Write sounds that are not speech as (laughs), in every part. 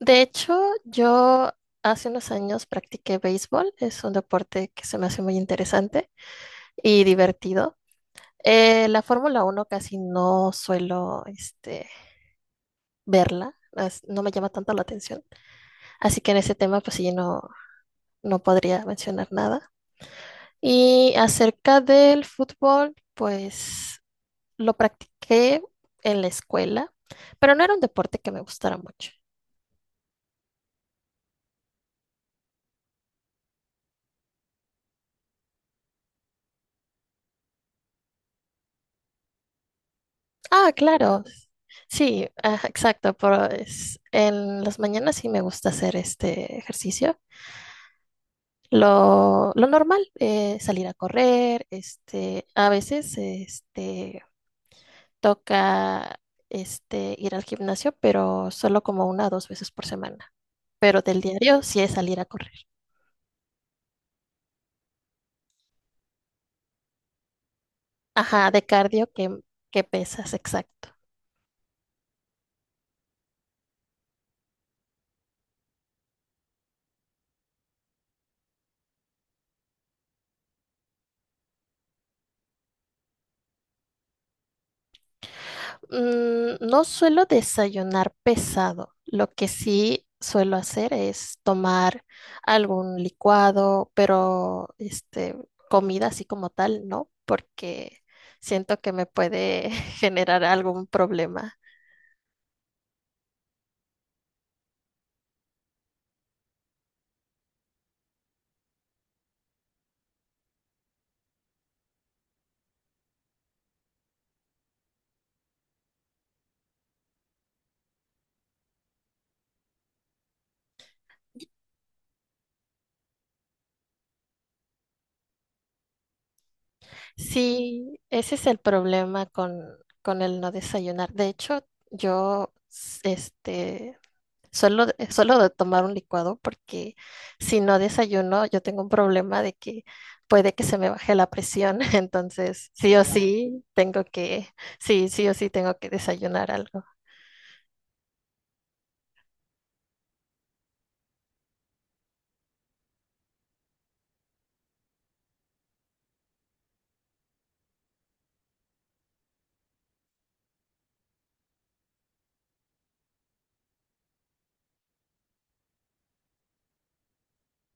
De hecho, yo hace unos años practiqué béisbol, es un deporte que se me hace muy interesante y divertido. La Fórmula Uno casi no suelo verla, no me llama tanto la atención, así que en ese tema pues sí, no, no podría mencionar nada. Y acerca del fútbol, pues lo practiqué en la escuela, pero no era un deporte que me gustara mucho. Ah, claro. Sí, ajá, exacto, pero es, en las mañanas sí me gusta hacer este ejercicio. Lo normal, salir a correr, a veces toca ir al gimnasio, pero solo como una o dos veces por semana. Pero del diario sí es salir a correr. Ajá, de cardio que pesas, exacto. Mm, no suelo desayunar pesado. Lo que sí suelo hacer es tomar algún licuado, pero comida así como tal, no, porque siento que me puede (laughs) generar algún problema. Sí, ese es el problema con el no desayunar. De hecho, yo s- este, solo, solo de tomar un licuado porque si no desayuno, yo tengo un problema de que puede que se me baje la presión, (laughs) entonces sí o claro. Sí tengo que, sí, sí o sí tengo que desayunar algo.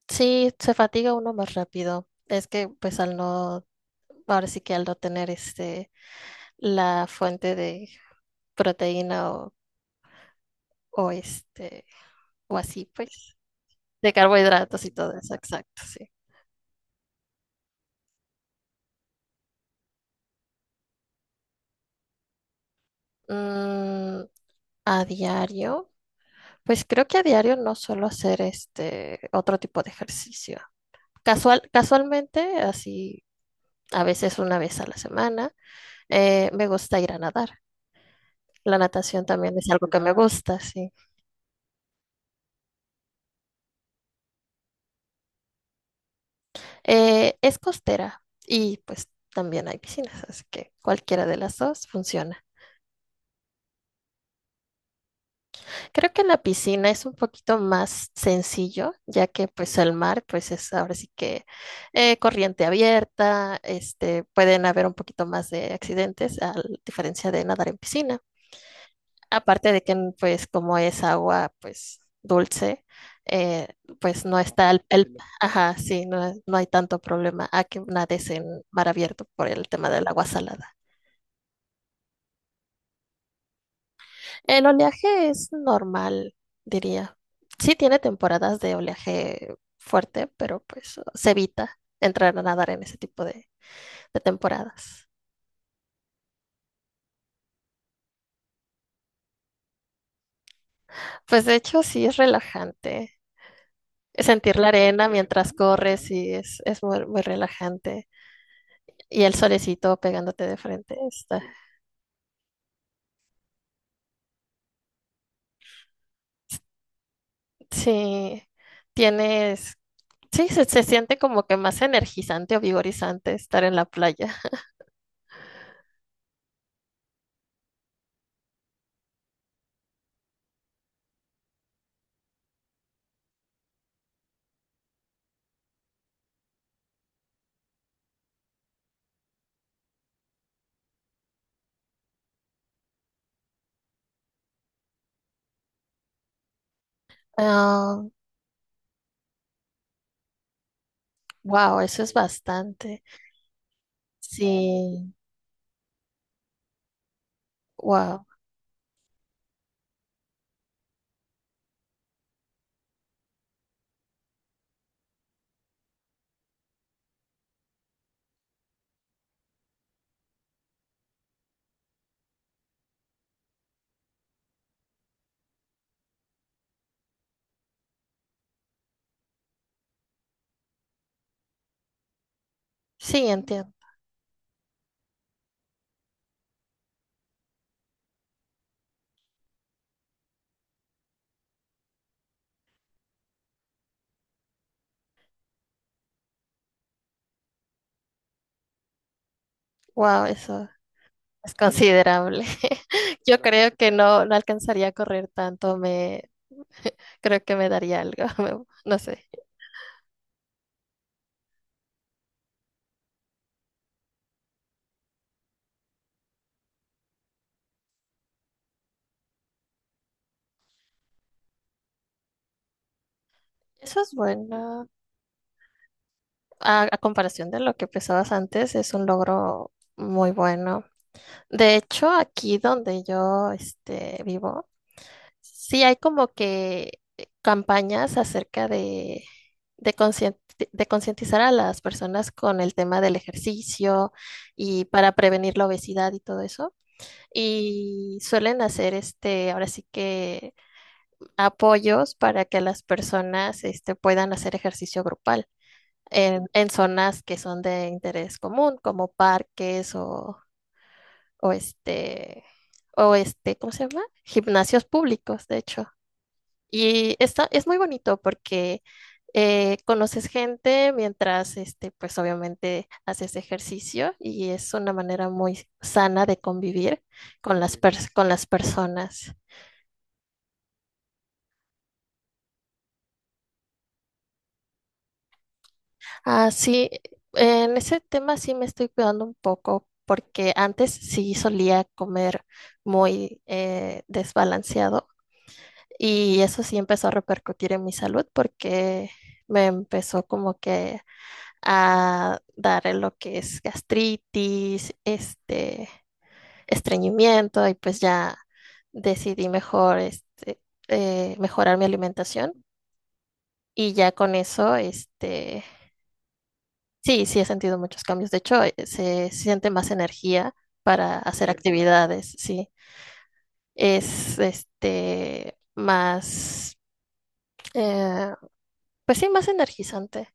Sí, se fatiga uno más rápido. Es que pues al no, ahora sí que al no tener la fuente de proteína o, o este, o así pues, de carbohidratos y todo eso, exacto, sí. Mm, a diario. Pues creo que a diario no suelo hacer este otro tipo de ejercicio. Casualmente, así a veces una vez a la semana, me gusta ir a nadar. La natación también es algo que me gusta, sí. Es costera y pues también hay piscinas, así que cualquiera de las dos funciona. Creo que en la piscina es un poquito más sencillo, ya que pues el mar pues es ahora sí que corriente abierta, pueden haber un poquito más de accidentes a diferencia de nadar en piscina. Aparte de que pues como es agua pues dulce, eh, pues no está el. Ajá, sí, no, no hay tanto problema a que nades en mar abierto por el tema del agua salada. El oleaje es normal, diría. Sí tiene temporadas de oleaje fuerte, pero pues se evita entrar a nadar en ese tipo de temporadas. Pues de hecho sí es relajante. Sentir la arena mientras corres sí es muy, muy relajante. Y el solecito pegándote de frente está. Sí, tienes, sí, se siente como que más energizante o vigorizante estar en la playa. Ah, wow, eso es bastante. Sí, wow, sí, entiendo. Wow, eso es considerable. (laughs) Yo creo que no, no alcanzaría a correr tanto, me (laughs) creo que me daría algo, (laughs) no sé. Eso es bueno. A comparación de lo que pesabas antes, es un logro muy bueno. De hecho, aquí donde yo vivo, sí, hay como que campañas acerca de, de, conscien- de concientizar a las personas con el tema del ejercicio y para prevenir la obesidad y todo eso. Y suelen hacer ahora sí que apoyos para que las personas puedan hacer ejercicio grupal en zonas que son de interés común, como parques o, o este, o este, ¿cómo se llama? Gimnasios públicos, de hecho. Y está, es muy bonito porque conoces gente mientras, pues obviamente haces ejercicio y es una manera muy sana de convivir con con las personas. Ah, sí, en ese tema sí me estoy cuidando un poco porque antes sí solía comer muy desbalanceado y eso sí empezó a repercutir en mi salud porque me empezó como que a dar lo que es gastritis, estreñimiento y pues ya decidí mejor mejorar mi alimentación y ya con eso, sí, sí he sentido muchos cambios. De hecho, se siente más energía para hacer actividades, sí. Es este más, eh, pues sí, más energizante.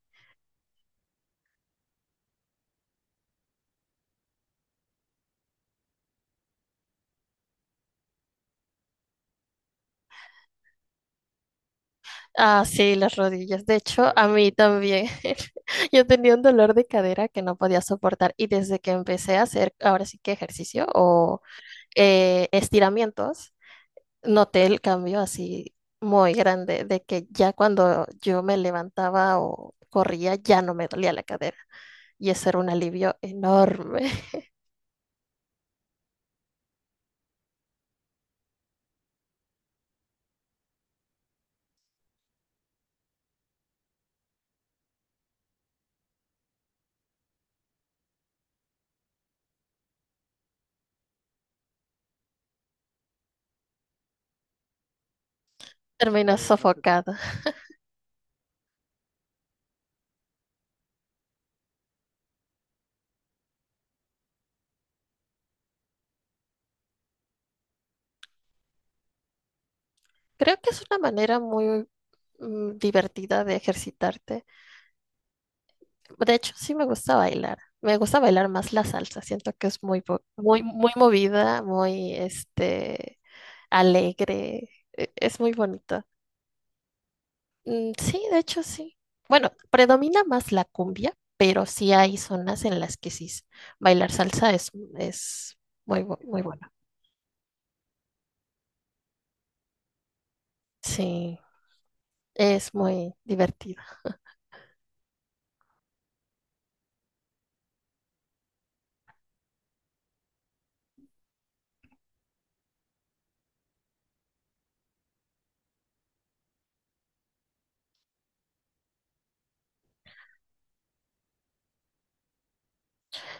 Ah, sí, las rodillas. De hecho, a mí también. (laughs) Yo tenía un dolor de cadera que no podía soportar y desde que empecé a hacer ahora sí que ejercicio o estiramientos, noté el cambio así muy grande de que ya cuando yo me levantaba o corría ya no me dolía la cadera y eso era un alivio enorme. (laughs) Terminas sofocada. Creo que es una manera muy divertida de ejercitarte. De hecho, sí me gusta bailar. Me gusta bailar más la salsa. Siento que es muy, muy, muy movida, muy, alegre. Es muy bonito. Mm, sí, de hecho, sí. Bueno, predomina más la cumbia, pero sí hay zonas en las que bailar salsa es muy, muy bueno. Sí, es muy divertido.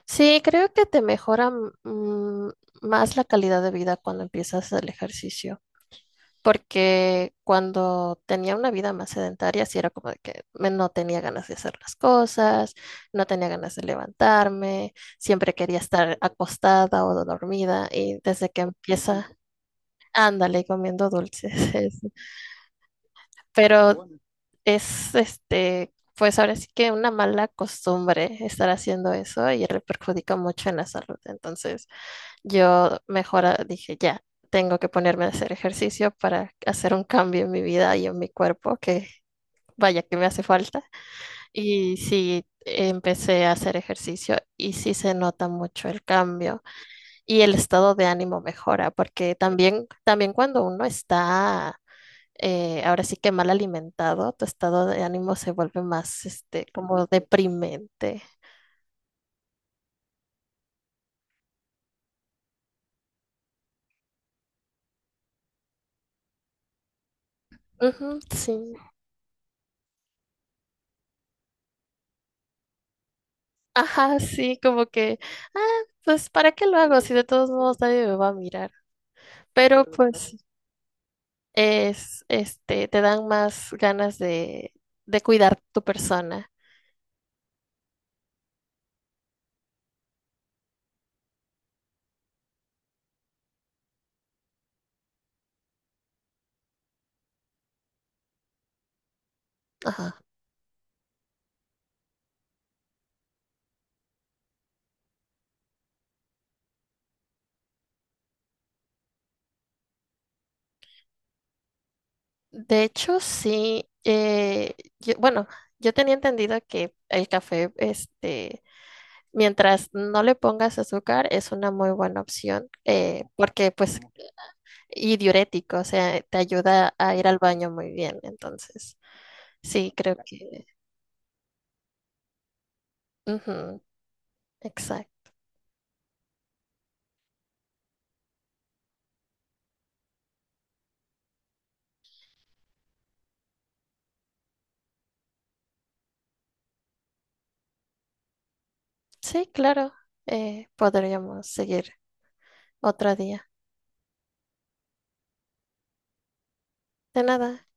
Sí, creo que te mejora mm, más la calidad de vida cuando empiezas el ejercicio. Porque cuando tenía una vida más sedentaria, sí era como de que no tenía ganas de hacer las cosas, no tenía ganas de levantarme, siempre quería estar acostada o dormida y desde que empieza, ándale comiendo dulces. (laughs) es- Pero es pues ahora sí que una mala costumbre estar haciendo eso y le perjudica mucho en la salud. Entonces, yo mejor ah, dije, ya, tengo que ponerme a hacer ejercicio para hacer un cambio en mi vida y en mi cuerpo, que vaya que me hace falta. Y sí, empecé a hacer ejercicio y sí se nota mucho el cambio y el estado de ánimo mejora, porque también, también cuando uno está, ahora sí que mal alimentado, tu estado de ánimo se vuelve más, como deprimente. Ujú, sí. Ajá, sí, como que, ah, pues ¿para qué lo hago si de todos modos nadie me va a mirar? Pero pues es, te dan más ganas de cuidar tu persona. Ajá. De hecho, sí, bueno, yo tenía entendido que el café, mientras no le pongas azúcar, es una muy buena opción, porque pues, y diurético, o sea, te ayuda a ir al baño muy bien, entonces, sí, creo que... Ujú. Exacto. Sí, claro. Podríamos seguir otro día. De nada.